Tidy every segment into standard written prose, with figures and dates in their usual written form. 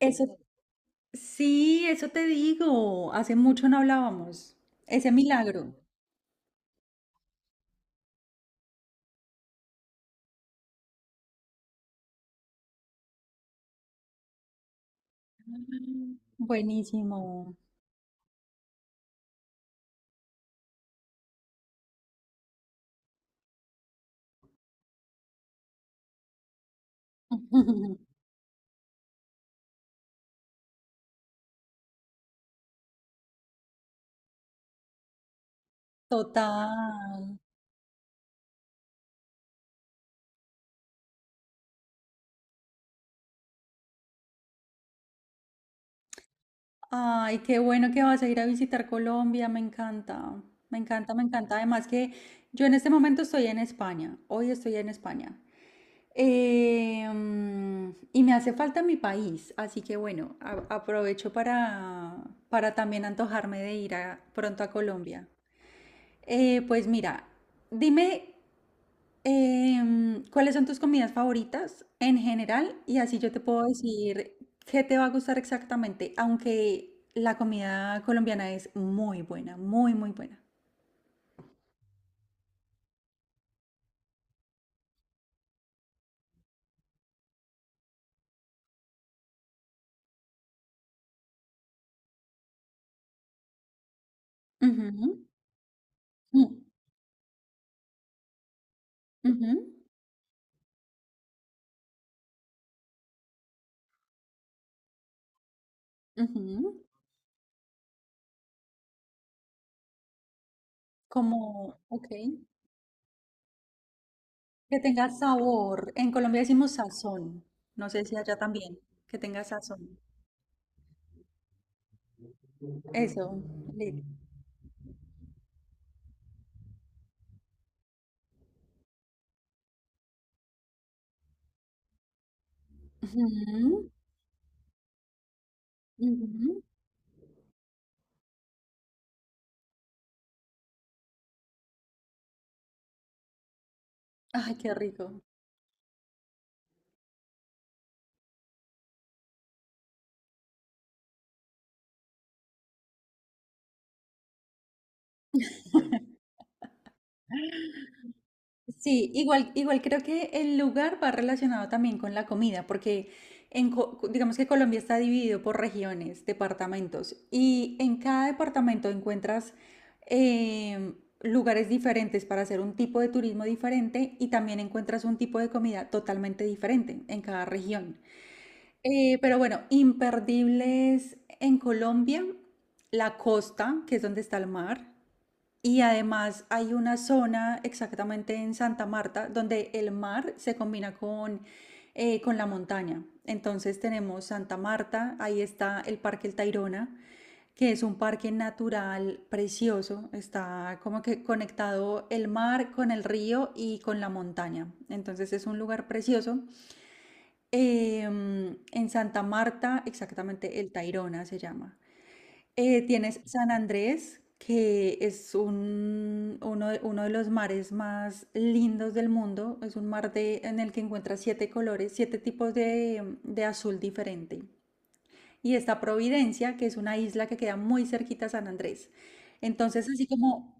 Eso, sí, eso te digo. Hace mucho no hablábamos. Ese milagro. Buenísimo. Total. Ay, qué bueno que vas a ir a visitar Colombia. Me encanta. Me encanta, me encanta. Además que yo en este momento estoy en España. Hoy estoy en España. Y me hace falta mi país. Así que bueno, aprovecho para también antojarme de pronto a Colombia. Pues mira, dime cuáles son tus comidas favoritas en general y así yo te puedo decir qué te va a gustar exactamente, aunque la comida colombiana es muy buena, muy buena. Ujú. Mm. Ujú, ujú. Como, ok, que tenga sabor. En Colombia decimos sazón, no sé si allá también, que tenga sazón. Eso, lit. Ujú, ujú. Ay, qué rico. Sí, igual, igual creo que el lugar va relacionado también con la comida, porque digamos que Colombia está dividido por regiones, departamentos, y en cada departamento encuentras em, lugares diferentes para hacer un tipo de turismo diferente y también encuentras un tipo de comida totalmente diferente en cada región. Pero bueno, imperdibles en Colombia, la costa, que es donde está el mar. Y además hay una zona exactamente en Santa Marta donde el mar se combina con la montaña. Entonces tenemos Santa Marta, ahí está el Parque El Tayrona, que es un parque natural precioso, está como que conectado el mar con el río y con la montaña. Entonces es un lugar precioso. En Santa Marta, exactamente El Tayrona se llama. Tienes San Andrés, que es un, uno de los mares más lindos del mundo. Es un en el que encuentras siete colores, siete tipos de azul diferente. Y está Providencia, que es una isla que queda muy cerquita a San Andrés. Entonces, así como,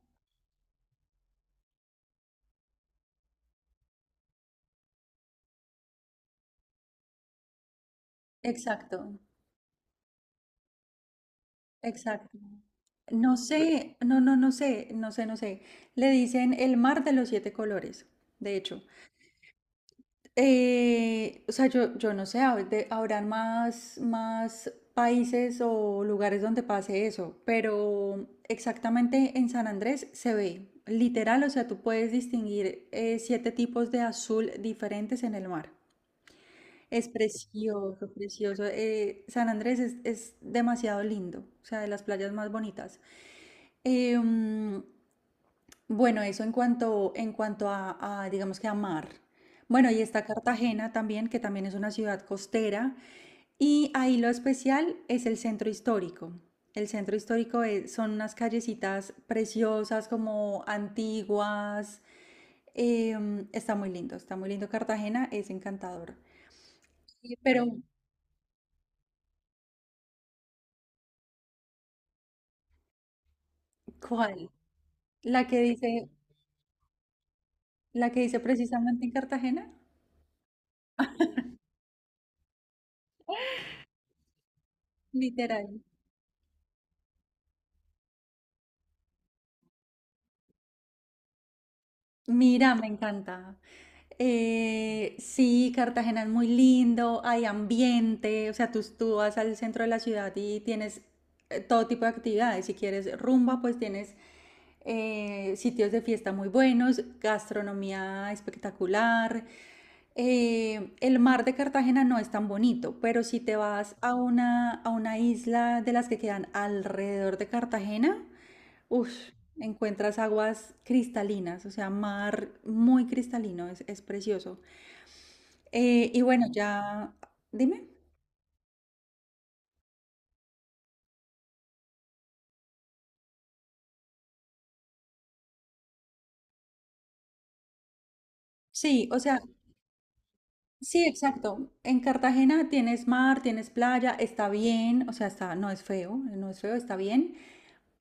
exacto, exacto. No sé, no sé, no sé. Le dicen el mar de los siete colores, de hecho. O sea, yo no sé, habrán más países o lugares donde pase eso, pero exactamente en San Andrés se ve, literal, o sea, tú puedes distinguir siete tipos de azul diferentes en el mar. Es precioso, precioso. San Andrés es demasiado lindo, o sea, de las playas más bonitas. Em, bueno, eso en cuanto a, digamos que a mar. Bueno, y está Cartagena también, que también es una ciudad costera. Y ahí lo especial es el centro histórico. El centro histórico son unas callecitas preciosas, como antiguas. Está muy lindo, está muy lindo. Cartagena es encantador. Pero, ¿cuál? ¿La que dice, la que dice precisamente en Cartagena? Literal. Mira, me encanta. Sí, Cartagena es muy lindo, hay ambiente, o sea, tú vas al centro de la ciudad y tienes todo tipo de actividades. Si quieres rumba, pues tienes sitios de fiesta muy buenos, gastronomía espectacular. El mar de Cartagena no es tan bonito, pero si te vas a una isla de las que quedan alrededor de Cartagena, Ush, encuentras aguas cristalinas, o sea, mar muy cristalino, es precioso. Eh, y bueno, ya, dime. Sí, o sea, sí, exacto. En Cartagena tienes mar, tienes playa, está bien, o sea, está, no es feo, no es feo, está bien.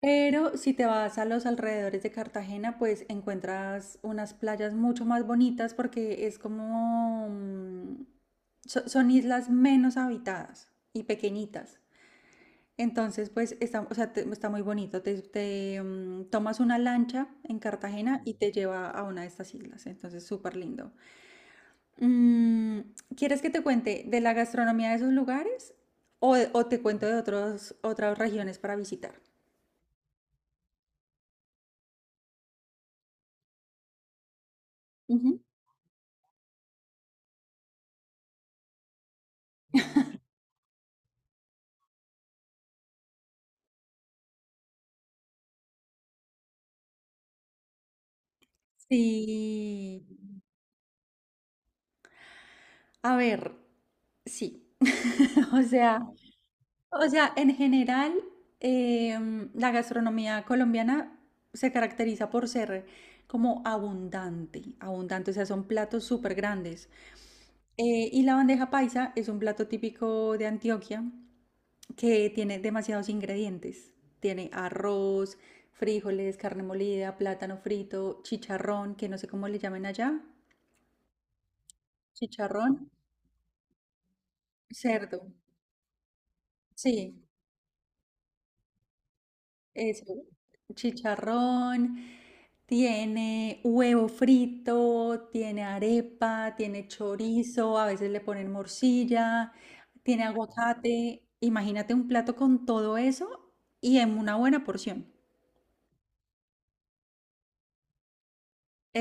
Pero si te vas a los alrededores de Cartagena, pues encuentras unas playas mucho más bonitas porque es como, mm, son islas menos habitadas y pequeñitas. Entonces, pues, está, o sea, está muy bonito. Tomas una lancha en Cartagena y te lleva a una de estas islas. Entonces, súper lindo. Mm, ¿quieres que te cuente de la gastronomía de esos lugares o te cuento de otros, otras regiones para visitar? Ujú. Sí. A ver, sí. O sea, O sea, en general, la gastronomía colombiana se caracteriza por ser como abundante, abundante, o sea, son platos súper grandes. Y la bandeja paisa es un plato típico de Antioquia que tiene demasiados ingredientes. Tiene arroz, frijoles, carne molida, plátano frito, chicharrón, que no sé cómo le llamen allá. Chicharrón, cerdo. Sí, eso, chicharrón, tiene huevo frito, tiene arepa, tiene chorizo, a veces le ponen morcilla, tiene aguacate. Imagínate un plato con todo eso y en una buena porción.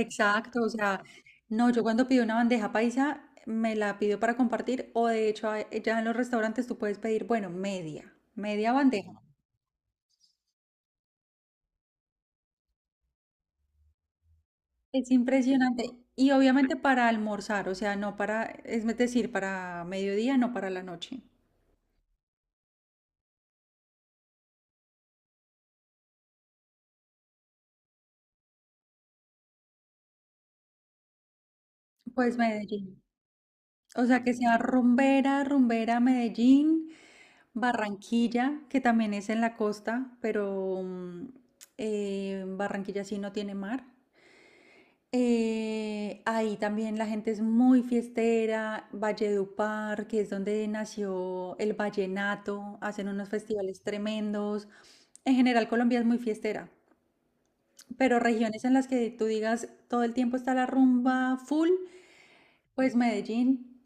Exacto, o sea, no, yo cuando pido una bandeja paisa me la pido para compartir o de hecho ya en los restaurantes tú puedes pedir, bueno, media bandeja. Es impresionante. Y obviamente para almorzar, o sea, no para, es decir, para mediodía, no para la noche. Pues Medellín. O sea, que sea rumbera, rumbera, Medellín, Barranquilla, que también es en la costa, pero mm, Barranquilla sí no tiene mar. Ahí también la gente es muy fiestera, Valledupar, que es donde nació el vallenato, hacen unos festivales tremendos. En general, Colombia es muy fiestera. Pero regiones en las que tú digas todo el tiempo está la rumba full, pues Medellín,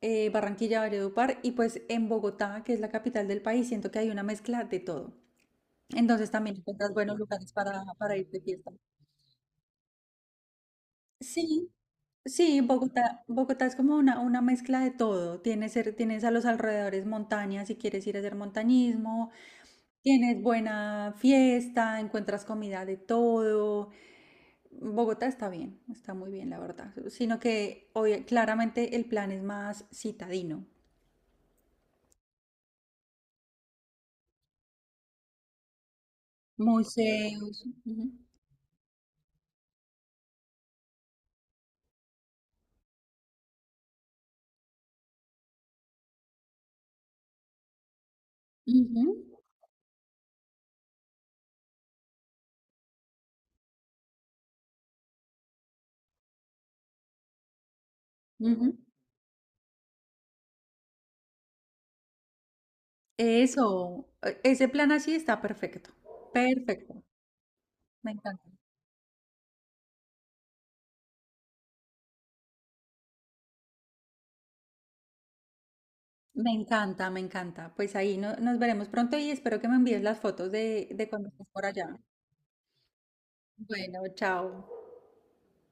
Barranquilla, Valledupar y pues en Bogotá, que es la capital del país, siento que hay una mezcla de todo. Entonces también encuentras buenos lugares para ir de fiesta. Sí, sí, Bogotá, Bogotá es como una mezcla de todo. Tienes, tienes a los alrededores montañas si quieres ir a hacer montañismo, tienes buena fiesta, encuentras comida de todo. Bogotá está bien, está muy bien, la verdad. Sino que hoy claramente el plan es más citadino. Museos. Ujú, ujú, ujú. Eso, ese plan así está perfecto. Perfecto. Me encanta. Me encanta, me encanta. Pues ahí nos veremos pronto y espero que me envíes las fotos de cuando estés por allá. Bueno, chao.